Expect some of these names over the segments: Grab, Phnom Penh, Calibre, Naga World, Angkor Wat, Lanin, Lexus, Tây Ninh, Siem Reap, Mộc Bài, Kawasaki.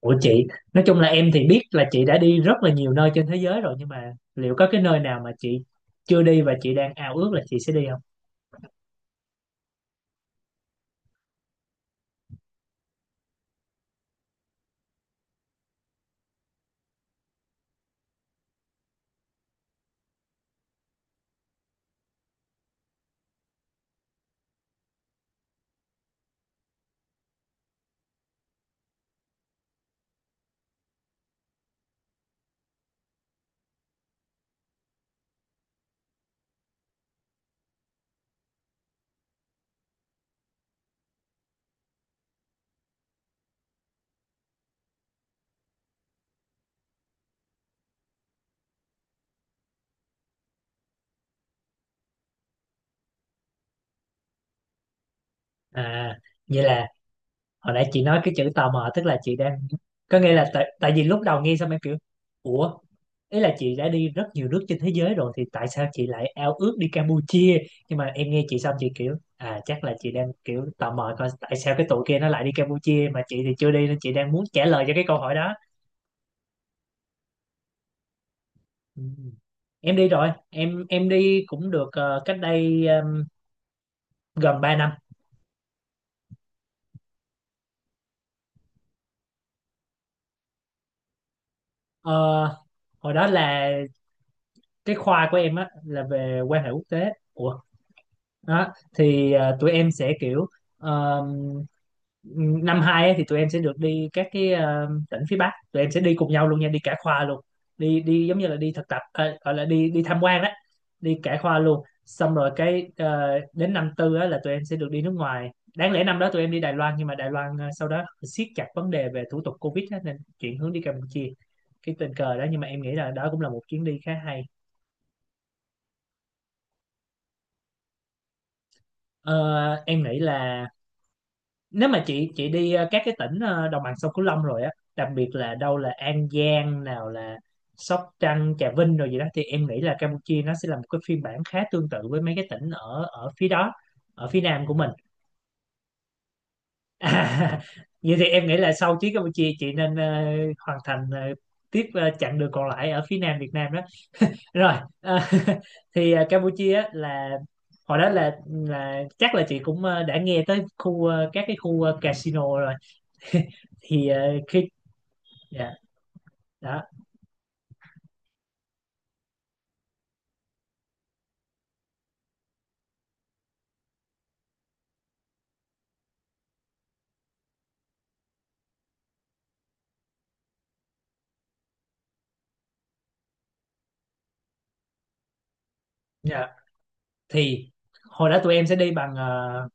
Ủa chị, nói chung là em thì biết là chị đã đi rất là nhiều nơi trên thế giới rồi, nhưng mà liệu có cái nơi nào mà chị chưa đi và chị đang ao ước là chị sẽ đi không? À, vậy là hồi nãy chị nói cái chữ tò mò, tức là chị đang có nghĩa là tại vì lúc đầu nghe xong em kiểu ủa, ý là chị đã đi rất nhiều nước trên thế giới rồi thì tại sao chị lại ao ước đi Campuchia? Nhưng mà em nghe chị xong chị kiểu à, chắc là chị đang kiểu tò mò coi tại sao cái tụi kia nó lại đi Campuchia mà chị thì chưa đi, nên chị đang muốn trả lời cho cái câu hỏi đó. Ừ. Em đi rồi, em đi cũng được cách đây gần 3 năm. Ờ, Hồi đó là cái khoa của em á là về quan hệ quốc tế. Ủa, đó thì tụi em sẽ kiểu ờ, năm hai ấy, thì tụi em sẽ được đi các cái tỉnh phía Bắc, tụi em sẽ đi cùng nhau luôn nha, đi cả khoa luôn, đi đi giống như là đi thực tập à, gọi là đi đi tham quan đó, đi cả khoa luôn. Xong rồi cái đến năm tư á, là tụi em sẽ được đi nước ngoài. Đáng lẽ năm đó tụi em đi Đài Loan, nhưng mà Đài Loan sau đó siết chặt vấn đề về thủ tục Covid á, nên chuyển hướng đi Campuchia. Cái tình cờ đó, nhưng mà em nghĩ là đó cũng là một chuyến đi khá hay. Ờ, em nghĩ là nếu mà chị đi các cái tỉnh đồng bằng sông Cửu Long rồi á, đặc biệt là đâu là An Giang, nào là Sóc Trăng, Trà Vinh rồi gì đó, thì em nghĩ là Campuchia nó sẽ là một cái phiên bản khá tương tự với mấy cái tỉnh ở ở phía đó, ở phía nam của mình. À, vậy thì em nghĩ là sau chuyến Campuchia chị nên hoàn thành tiếp chặng đường còn lại ở phía nam Việt Nam đó. Rồi ờ, thì Campuchia á là hồi đó là chắc là chị cũng đã nghe tới khu các cái khu casino rồi, thì khi dạ đó. Dạ, thì hồi đó tụi em sẽ đi bằng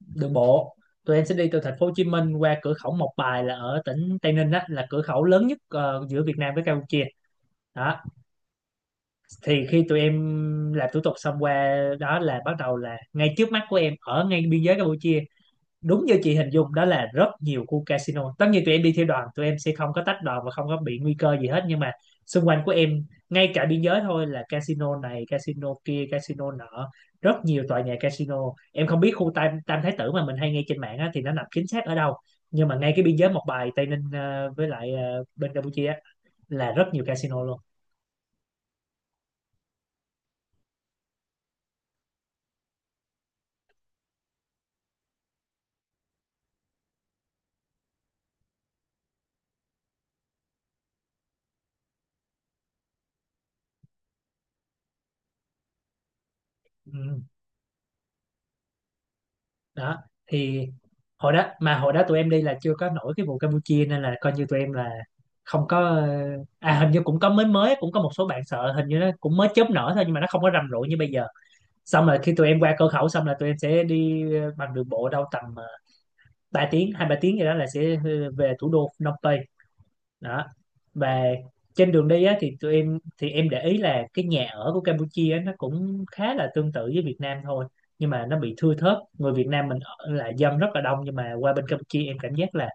đường bộ, tụi em sẽ đi từ thành phố Hồ Chí Minh qua cửa khẩu Mộc Bài là ở tỉnh Tây Ninh, đó là cửa khẩu lớn nhất giữa Việt Nam với Campuchia đó. Thì khi tụi em làm thủ tục xong qua đó là bắt đầu là ngay trước mắt của em ở ngay biên giới Campuchia đúng như chị hình dung, đó là rất nhiều khu casino. Tất nhiên tụi em đi theo đoàn, tụi em sẽ không có tách đoàn và không có bị nguy cơ gì hết, nhưng mà xung quanh của em ngay cả biên giới thôi là casino này, casino kia, casino nọ, rất nhiều tòa nhà casino. Em không biết khu Tam Tam Thái Tử mà mình hay nghe trên mạng á, thì nó nằm chính xác ở đâu, nhưng mà ngay cái biên giới một bài Tây Ninh với lại bên Campuchia á, là rất nhiều casino luôn. Ừ, đó thì hồi đó tụi em đi là chưa có nổi cái vụ Campuchia, nên là coi như tụi em là không có à hình như cũng có mới mới cũng có một số bạn sợ, hình như nó cũng mới chớp nở thôi nhưng mà nó không có rầm rộ như bây giờ. Xong rồi khi tụi em qua cửa khẩu xong là tụi em sẽ đi bằng đường bộ đâu tầm 3 tiếng, hai ba tiếng gì đó, là sẽ về thủ đô Phnom Penh đó. Và trên đường đi á, thì tụi em thì em để ý là cái nhà ở của Campuchia á, nó cũng khá là tương tự với Việt Nam thôi, nhưng mà nó bị thưa thớt. Người Việt Nam mình ở là dân rất là đông, nhưng mà qua bên Campuchia em cảm giác là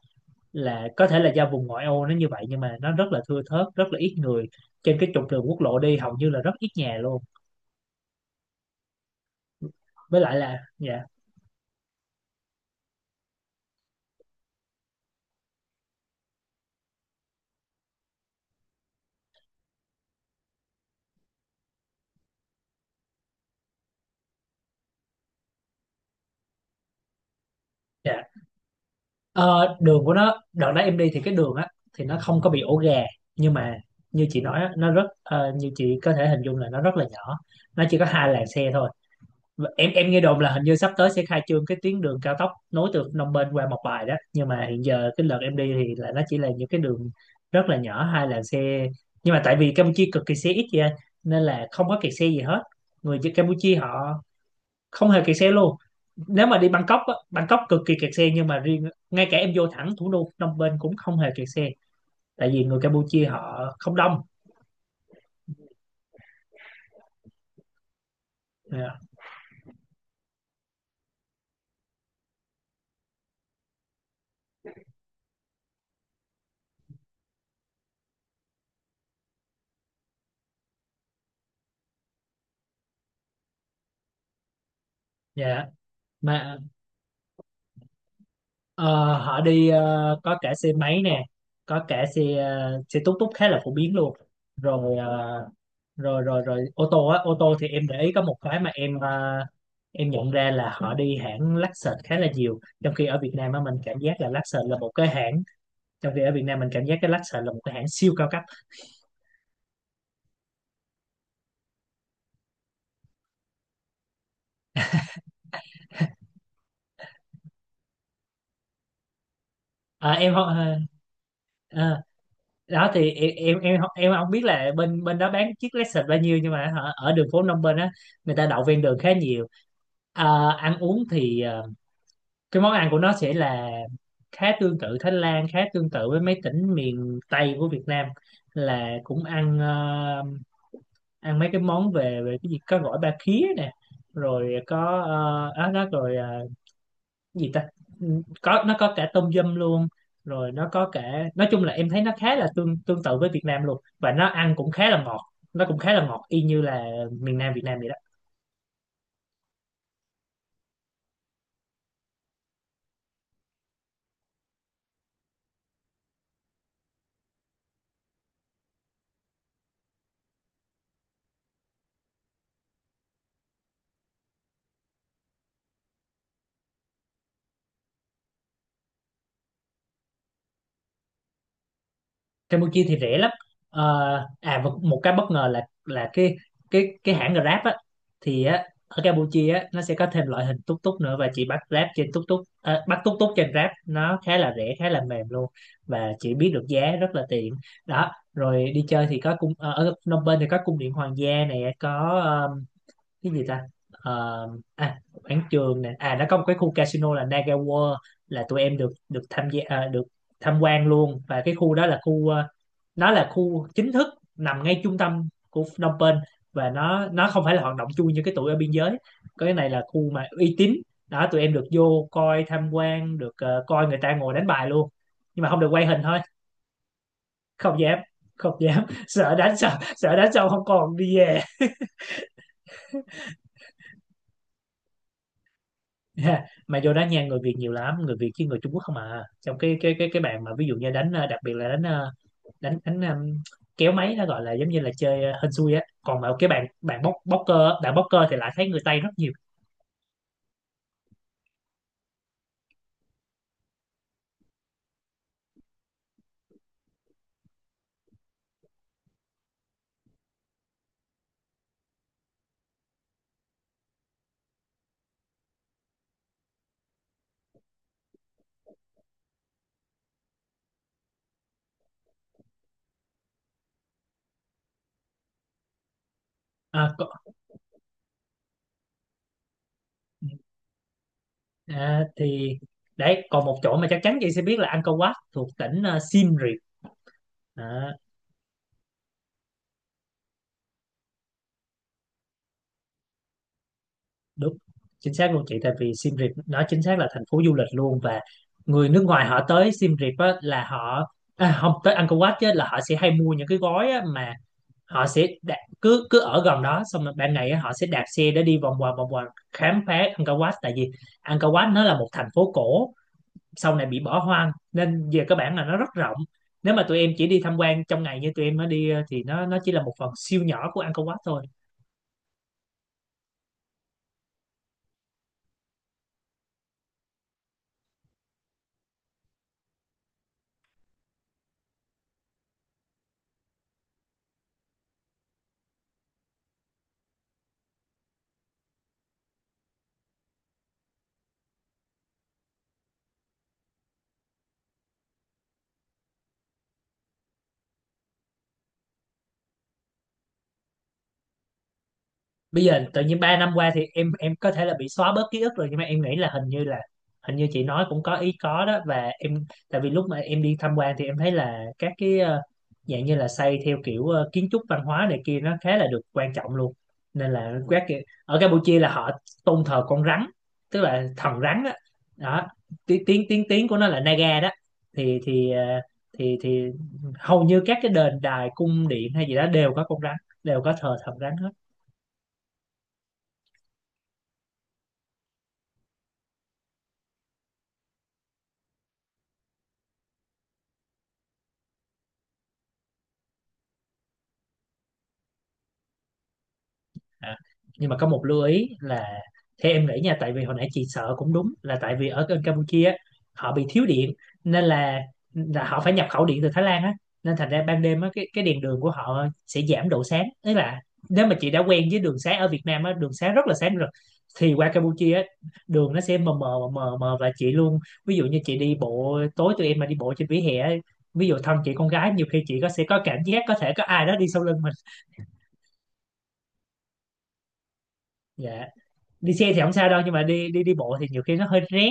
là có thể là do vùng ngoại ô nó như vậy, nhưng mà nó rất là thưa thớt, rất là ít người. Trên cái trục đường quốc lộ đi hầu như là rất ít nhà luôn, với lại là dạ dạ Ờ, đường của nó đợt đó em đi thì cái đường á thì nó không có bị ổ gà, nhưng mà như chị nói á, nó rất như chị có thể hình dung là nó rất là nhỏ, nó chỉ có hai làn xe thôi. Và em nghe đồn là hình như sắp tới sẽ khai trương cái tuyến đường cao tốc nối từ Phnom Penh qua Mộc Bài đó, nhưng mà hiện giờ cái đợt em đi thì là nó chỉ là những cái đường rất là nhỏ, hai làn xe. Nhưng mà tại vì Campuchia cực kỳ xe ít vậy nên là không có kẹt xe gì hết, người dân Campuchia họ không hề kẹt xe luôn. Nếu mà đi Bangkok á, Bangkok cực kỳ kẹt xe, nhưng mà riêng ngay cả em vô thẳng thủ đô Phnom Penh cũng không hề kẹt xe, tại vì người Campuchia họ không đông. Dạ. Dạ, mà ờ, họ đi có cả xe máy nè, có cả xe xe tút tút khá là phổ biến luôn, rồi rồi ô tô á. Ô tô thì em để ý có một cái mà em nhận ra là họ đi hãng Lexus khá là nhiều, trong khi ở Việt Nam á mình cảm giác là Lexus là một cái hãng, trong khi ở Việt Nam mình cảm giác cái Lexus là một cái hãng siêu cao cấp. À, em không. À, đó thì em không- em không biết là bên bên đó bán chiếc Lexus bao nhiêu, nhưng mà hả, ở đường phố Phnom Penh á người ta đậu ven đường khá nhiều. Ờ, ăn uống thì cái món ăn của nó sẽ là khá tương tự Thái Lan, khá tương tự với mấy tỉnh miền Tây của Việt Nam, là cũng ăn ăn mấy cái món về về cái gì, có gỏi ba khía nè, rồi có đó, đó rồi gì ta. Ừ, có, nó có cả tôm dâm luôn, rồi nó có cả, nói chung là em thấy nó khá là tương tương tự với Việt Nam luôn, và nó ăn cũng khá là ngọt, nó cũng khá là ngọt y như là miền Nam Việt Nam vậy đó. Campuchia thì rẻ lắm. Ờ, à và một cái bất ngờ là cái hãng Grab á, thì á ở Campuchia á nó sẽ có thêm loại hình túc túc nữa, và chị bắt Grab trên túc túc à, bắt túc túc trên Grab nó khá là rẻ, khá là mềm luôn, và chị biết được giá rất là tiện. Đó rồi đi chơi thì có cung ở Phnom Penh thì có cung điện hoàng gia này, có cái gì ta. Ờ, à quảng trường nè, à nó có một cái khu casino là Naga World, là tụi em được được tham gia à, được tham quan luôn. Và cái khu đó là khu nó là khu chính thức, nằm ngay trung tâm của Phnom Penh, và nó không phải là hoạt động chui như cái tụi ở biên giới, cái này là khu mà uy tín đó. Tụi em được vô coi tham quan, được coi người ta ngồi đánh bài luôn, nhưng mà không được quay hình thôi. Không dám, không dám. Sợ đánh xong, sợ đánh xong không còn đi về. Ha, mà vô đá nha, người Việt nhiều lắm, người Việt chứ người Trung Quốc không à, trong cái bàn mà ví dụ như đánh đặc biệt là đánh đánh đánh kéo máy, nó gọi là giống như là chơi hên xui á. Còn mà cái bàn bàn bóc bóc cơ á, bạn bóc cơ thì lại thấy người Tây rất nhiều. À, có, à, thì đấy còn một chỗ mà chắc chắn chị sẽ biết là Angkor Wat thuộc tỉnh Siem Reap. À, đúng, chính xác luôn chị, tại vì Siem Reap nó chính xác là thành phố du lịch luôn. Và người nước ngoài họ tới Siem Reap á, là họ à, không tới Angkor Wat chứ, là họ sẽ hay mua những cái gói á, mà họ sẽ đạ- cứ cứ ở gần đó, xong rồi ban ngày á, họ sẽ đạp xe để đi vòng vòng khám phá Angkor Wat, tại vì Angkor Wat nó là một thành phố cổ, sau này bị bỏ hoang nên về các bản là nó rất rộng. Nếu mà tụi em chỉ đi tham quan trong ngày như tụi em mới đi thì nó chỉ là một phần siêu nhỏ của Angkor Wat thôi. Bây giờ tự nhiên 3 năm qua thì em có thể là bị xóa bớt ký ức rồi, nhưng mà em nghĩ là hình như là, hình như chị nói cũng có ý có đó. Và em, tại vì lúc mà em đi tham quan thì em thấy là các cái dạng như là xây theo kiểu kiến trúc văn hóa này kia nó khá là được quan trọng luôn, nên là các kiểu, ở Campuchia là họ tôn thờ con rắn, tức là thần rắn đó, đó. Tiếng tiếng tiếng tiếng của nó là Naga đó, thì thì hầu như các cái đền đài, cung điện hay gì đó đều có con rắn, đều có thờ thần rắn. À, nhưng mà có một lưu ý là theo em nghĩ nha, tại vì hồi nãy chị sợ cũng đúng, là tại vì ở bên Campuchia á, họ bị thiếu điện, nên là họ phải nhập khẩu điện từ Thái Lan á, nên thành ra ban đêm á cái đèn đường của họ sẽ giảm độ sáng, tức là nếu mà chị đã quen với đường sáng ở Việt Nam á, đường sáng rất là sáng rồi, thì qua Campuchia á, đường nó sẽ mờ mờ và chị luôn, ví dụ như chị đi bộ tối, tụi em mà đi bộ trên vỉa hè á, ví dụ thân chị con gái, nhiều khi chị có sẽ có cảm giác có thể có ai đó đi sau lưng mình. Dạ, đi xe thì không sao đâu, nhưng mà đi đi đi bộ thì nhiều khi nó hơi rén.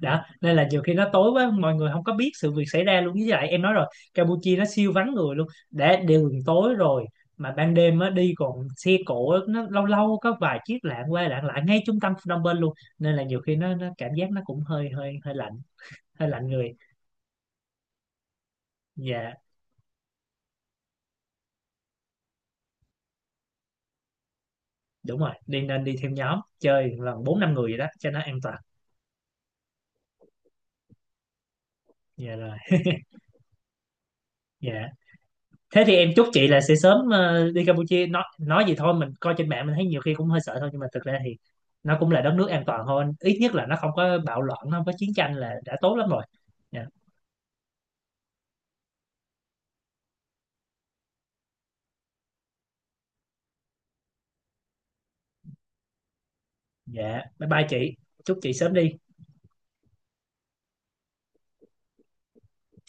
Đó nên là nhiều khi nó tối quá, mọi người không có biết sự việc xảy ra luôn, với lại em nói rồi, Campuchia nó siêu vắng người luôn, đã đường tối rồi mà ban đêm á đi còn xe cộ á, nó lâu lâu có vài chiếc lạng qua lạng lại ngay trung tâm Phnom Penh luôn, nên là nhiều khi nó cảm giác nó cũng hơi hơi hơi lạnh, hơi lạnh người. Dạ, đúng rồi, đi nên đi theo nhóm chơi lần bốn năm người vậy đó cho nó an toàn. Dạ rồi. Dạ, thế thì em chúc chị là sẽ sớm đi Campuchia. Nói gì thôi mình coi trên mạng mình thấy nhiều khi cũng hơi sợ thôi, nhưng mà thực ra thì nó cũng là đất nước an toàn hơn, ít nhất là nó không có bạo loạn, nó không có chiến tranh là đã tốt lắm rồi. Dạ. Dạ, bye bye chị, chúc chị sớm đi.